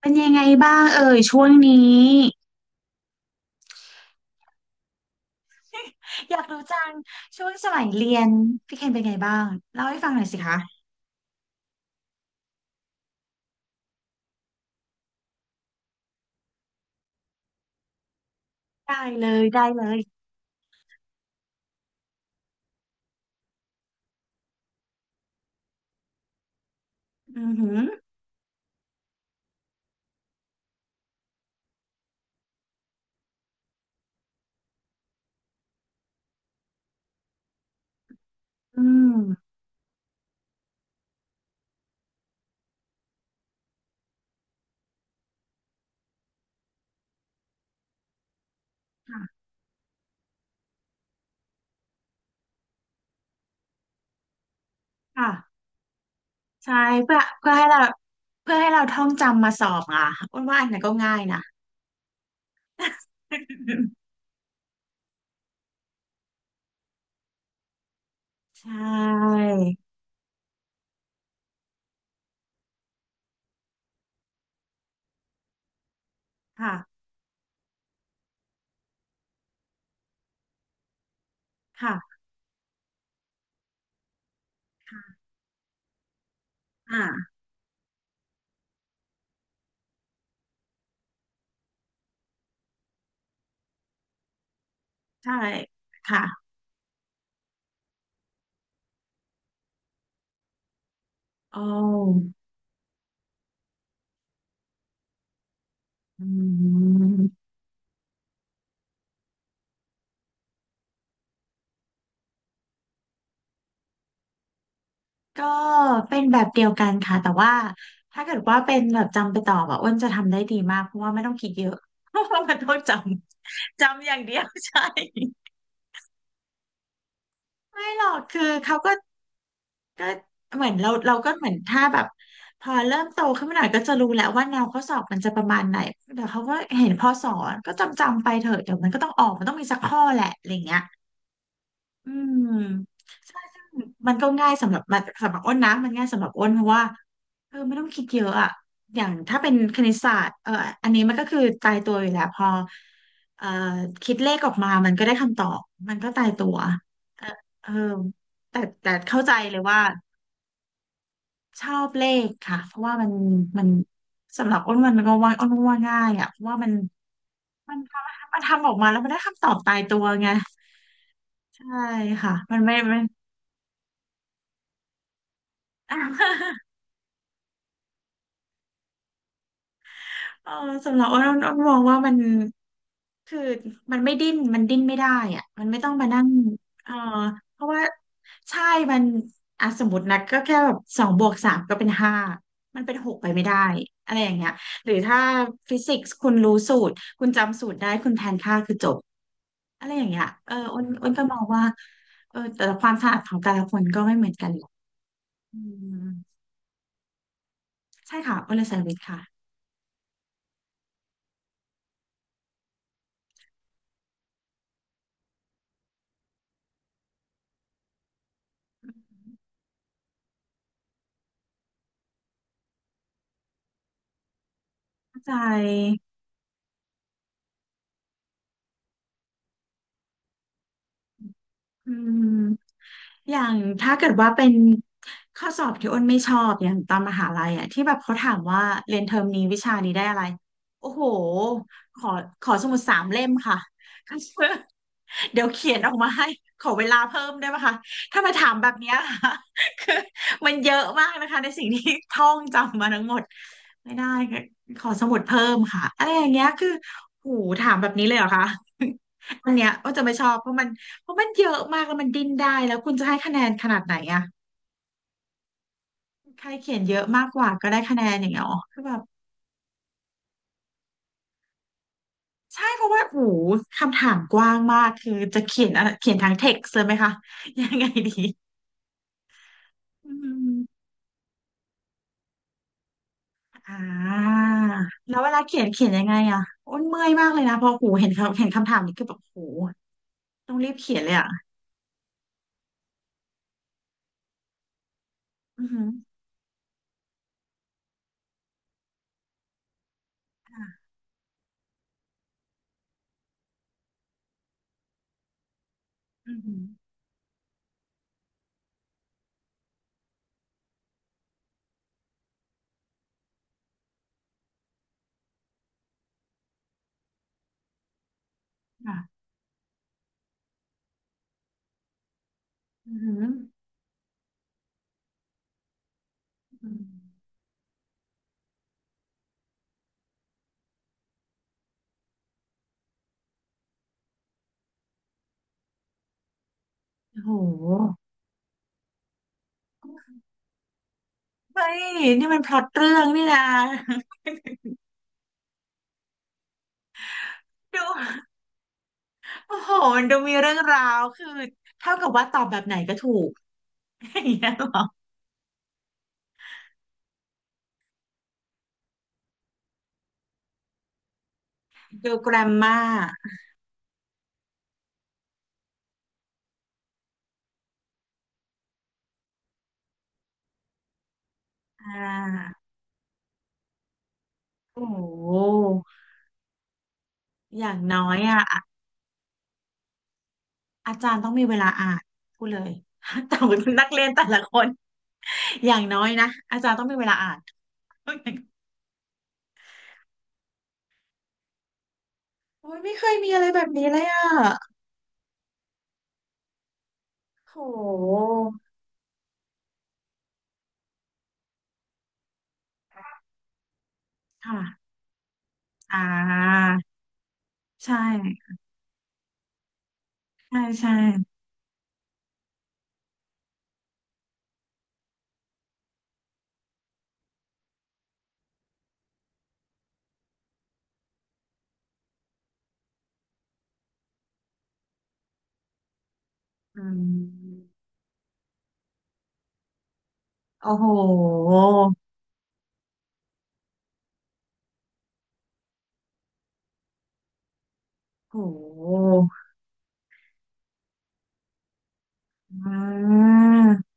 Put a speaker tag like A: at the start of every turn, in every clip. A: เป็นยังไงบ้างเอ่ยช่วงนี้อยากรู้จังช่วงสมัยเรียนพี่เคนเป็นไงบ้างเล่าให้ฟังหน่อยสิคะได้ได้เลยอือหืออืมค่ะค่ะใช่เพื่อให้เราเพื่อให้เราท่องจำมาสอบอ่ะอ้วนว่าอันไหนั้นก็ง่ายนะ ใช่ค่ะค่ะอ่าใช่ค่ะโอ้อืม ก็เป็นแบบเดียวกันค่ะแต่ว่าถ้าเกิดว่าเป็นแบบจำไปตออ่ะอ้วนจะทำได้ดีมากเพราะว่าไม่ต้องคิดเยอะ เพราะว่ามันต้องจำอย่างเดียวใช่ไม่หรอกคือเขาก็เหมือนเราก็เหมือนถ้าแบบพอเริ่มโตขึ้นมาหน่อยก็จะรู้แล้วว่าแนวข้อสอบมันจะประมาณไหนเดี๋ยวเขาก็เห็นพอสอนก็จำไปเถอะเดี๋ยวมันก็ต้องออกมันต้องมีสักข้อแหละอะไรเงี้ย อืมใช่ซึ่งมันก็ง่ายสำหรับอ้นนะ มันง่ายสำหรับอ้นเพราะว่าเออไม่ต้องคิดเยอะอะอย่างถ้าเป็นคณิตศาสตร์เอออันนี้มันก็คือตายตัวอยู่แล้วพอเอ่อคิดเลขออกมา มันก็ได้คำตอบ มันก็ตายตัวเออเออแต่เข้าใจเลยว่าชอบเลขค่ะเพราะว่ามันมันสำหรับอ้นมันก็ว่าอ้นว่าง่ายอะเพราะว่ามันมันทำออกมาแล้วมันได้คำตอบตายตัวไงใช่ค่ะมันไม่มัน อ่ะเออสำหรับอ้นมองว่ามันคือมันไม่ดิ้นมันดิ้นไม่ได้อ่ะมันไม่ต้องมานั่งเออเพราะว่าใช่มันอ่ะสมมตินะก็แค่แบบสองบวกสามก็เป็นห้ามันเป็นหกไปไม่ได้อะไรอย่างเงี้ยหรือถ้าฟิสิกส์คุณรู้สูตรคุณจำสูตรได้คุณแทนค่าคือจบอะไรอย่างเงี้ยเอออ้นก็มองว่าเออแต่ละความถนัดของแต่ละคนก็ไม่เหมือนกันหรอกอืมใช่ค่ะอ้นเลยเซอร์วิสค่ะเข้าใจ อืมอย่างถ้าเกิดว่าเป็นข้อสอบที่อ้นไม่ชอบอย่างตอนมหาลัยอ่ะที่แบบเขาถามว่าเรียนเทอมนี้วิชานี้ได้อะไรโอ้โหขอขอสมุดสามเล่มค่ะ เดี๋ยวเขียนออกมาให้ขอเวลาเพิ่มได้ไหมคะถ้ามาถามแบบเนี้ยค่ะ คือมันเยอะมากนะคะในสิ่งที่ท่องจำมาทั้งหมดไม่ได้ค่ะขอสมุดเพิ่มค่ะอะไรอย่างเงี้ยคือโหูถามแบบนี้เลยเหรอคะอันเนี้ยก็จะไม่ชอบเพราะมัน เพราะมันเยอะมากแล้วมันดิ้นได้แล้วคุณจะให้คะแนนขนาดไหนอะใครเขียนเยอะมากกว่าก็ได้คะแนนอย่างเงี้ยหรอคือแบบใช่เพราะว่าโอ้โหคำถามกว้างมากคือจะเขียนอะไรเขียนทางเท็กซ์เลยไหมคะยังไงดีอืมอ่าแล้วเวลาเขียนเขียนยังไงอะอ้นเมื่อยมากเลยนะเพอหูเห็นเขาเห็นคำถามนี้คือแบบโอ้โหต้องรีบเขียนเลยอะอือหือค่ะอือหือค่ะอือหืออือหือโอ้โหเฮ้ยนี่มันพล็อตเรื่องนี่นะ ดู โอ้โหมันดูมีเรื่องราวคือเท่ากับว่าตอบแบบไหนก็ถูก อย่างเงี้ยเหรอดูแกรมมาอ่าโอ้โหอย่างน้อยอ่ะอะอาจารย์ต้องมีเวลาอ่าน พูดเลย แต่ว่านักเรียนแต่ละคนอย่างน้อยนะอาจารย์ต้องมีเวลาอ่าน โอ้ยไม่เคยมีอะไรแบบนี้เลยอ่ะโหค่ะอ่าใช่ใช่ใช่อืมโอ้โหโหอืม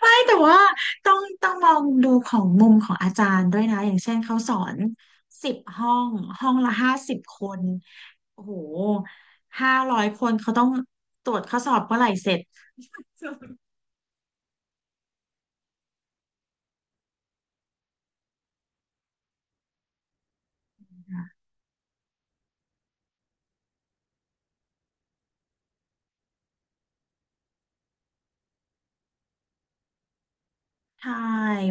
A: ไม่แต่ว่าต้องมองดูของมุมของอาจารย์ด้วยนะอย่างเช่นเขาสอนสิบห้องห้องละ50 คนโอ้โห500 คนเขาต้องตรวจข้อสอบเมื่อไหร่เสร็จ ใช่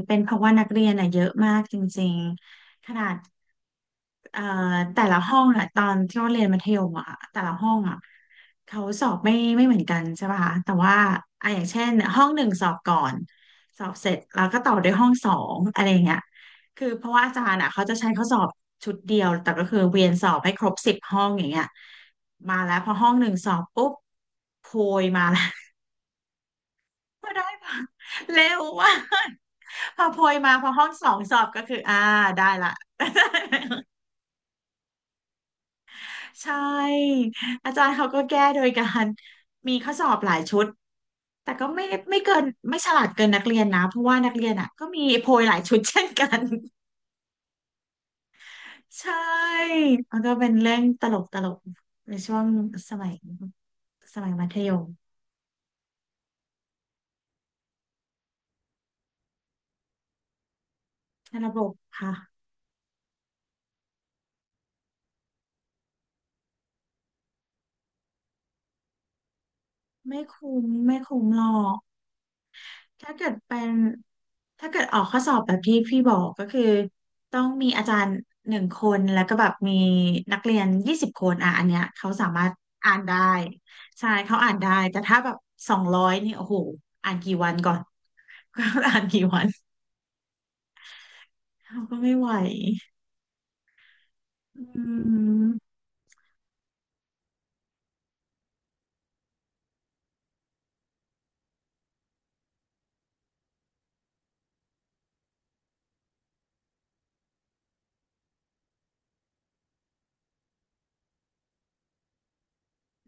A: เป็นเพราะว่านักเรียนอ่ะเยอะมากจริงๆขนาดเอ่อแต่ละห้องอะตอนที่เราเรียนมัธยมอะแต่ละห้องอะเขาสอบไม่เหมือนกันใช่ป่ะคะแต่ว่าอ่ะอย่างเช่นห้องหนึ่งสอบก่อนสอบเสร็จแล้วก็ต่อด้วยห้องสองอะไรอย่างเงี้ยคือเพราะว่าอาจารย์อะเขาจะใช้ข้อสอบชุดเดียวแต่ก็คือเวียนสอบให้ครบสิบห้องอย่างเงี้ยมาแล้วพอห้องหนึ่งสอบปุ๊บโพยมาแล้ว ก็ได้ค่ะเร็วว่าก พอโพยมาพอห้องสองสอบก็คืออ่าได้ละ ใช่อาจารย์เขาก็แก้โดยการมีข้อสอบหลายชุดแต่ก็ไม่ไม่เกินไม่ฉลาดเกินนักเรียนนะเพราะว่านักเรียนอ่ะก็มีโพยหลายชุดเช่นกัน ใช่มันก็เป็นเรื่องตลกตลกในช่วงสมัยมัธยมในระบบค่ะไม่คุ้มไม่คุ้มหรอก ถ้าเกิดเป็นถ้าเกิดออกข้อสอบแบบที่พี่บอกก็คือต้องมีอาจารย์หนึ่งคนแล้วก็แบบมีนักเรียน20 คนอ่ะอันเนี้ยเขาสามารถอ่านได้ใช่เขาอ่านได้แต่ถ้าแบบ200นี่โอ้โหอ่านกี่วันก่อน ก็อ่านกี่วันเราก็ไม่ไหวอืม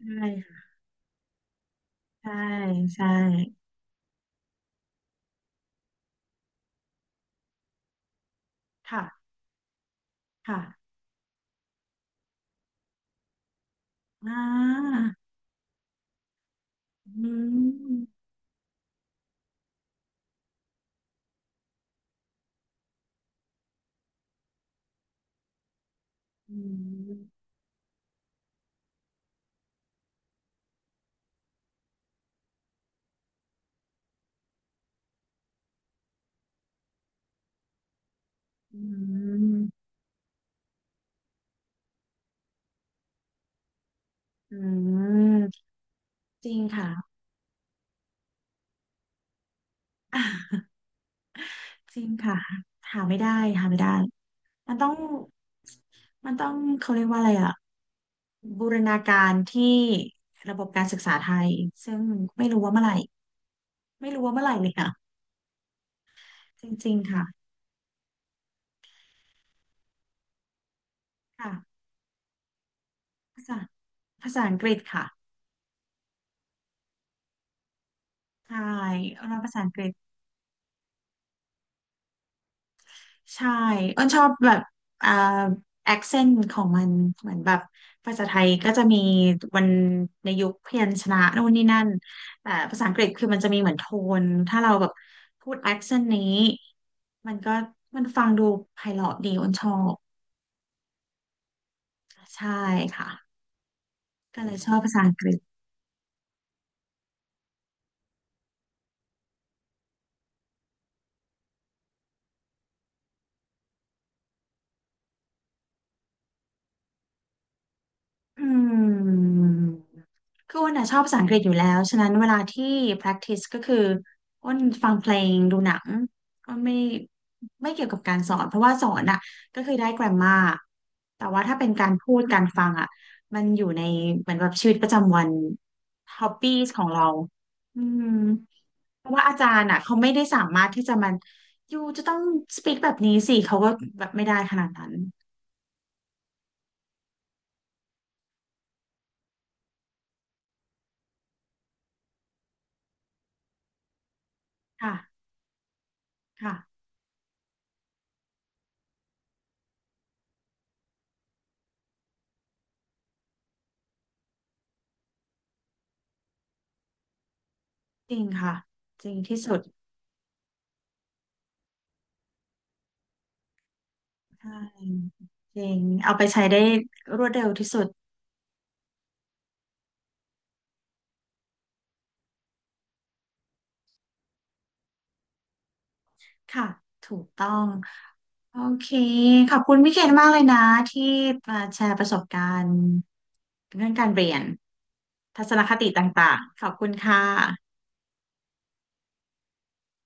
A: ใช่ค่ะใช่ใช่ค่ะค่ะอ่าอืมอืมอืมอืมจริงค่ะ จริงค่ะหาไม่ได้หาไม่ได้มันต้องมันต้องเขาเรียกว่าอะไรอะบูรณาการที่ระบบการศึกษาไทยซึ่งไม่รู้ว่าเมื่อไหร่ไม่รู้ว่าเมื่อไหร่เลยค่ะจริงๆค่ะค่ะภาษาภาษาอังกฤษค่ะใช่เราภาษาอังกฤษ ใช่อ้นชอบแบบอ่าแอคเซนต์ของมันเหมือนแบบภาษาไทยก็จะมีวันในยุคพยัญชนะนู่นนี่นั่นแต่ภาษาอังกฤษคือมันจะมีเหมือนโทนถ้าเราแบบพูดแอคเซนต์นี้มันก็มันฟังดูไพเราะดีอ้นชอบใช่ค่ะก็เลยชอบภาษาอังกฤษ อืมคืออ้นอะชอบภาษาอังกฤษอยู่แล้วฉะนั้นเวลาที่ practice ก็คืออ้นฟังเพลงดูหนังอ้นไม่เกี่ยวกับการสอนเพราะว่าสอนอ่ะก็คือได้ grammar แต่ว่าถ้าเป็นการพูดการฟังอ่ะมันอยู่ในเหมือนแบบชีวิตประจำวัน hobbies ของเราอืมเพราะว่าอาจารย์อ่ะเขาไม่ได้สามารถที่จะมันอยู่จะต้อง speak แบบนี้สิเขาก็แบบไม่ได้ขนาดนั้นค่ะค่ะจริงค่ะจริงที่สุด ใช่จริงเอาไปใช้ได้รวดเร็วที่สุดค่ะถูกต้องโอเคขอบคุณพี่เคนมากเลยนะที่มาแชร์ประสบการณ์เรื่องการเรียนทัศนคติต่างๆขอบคุณค่ะ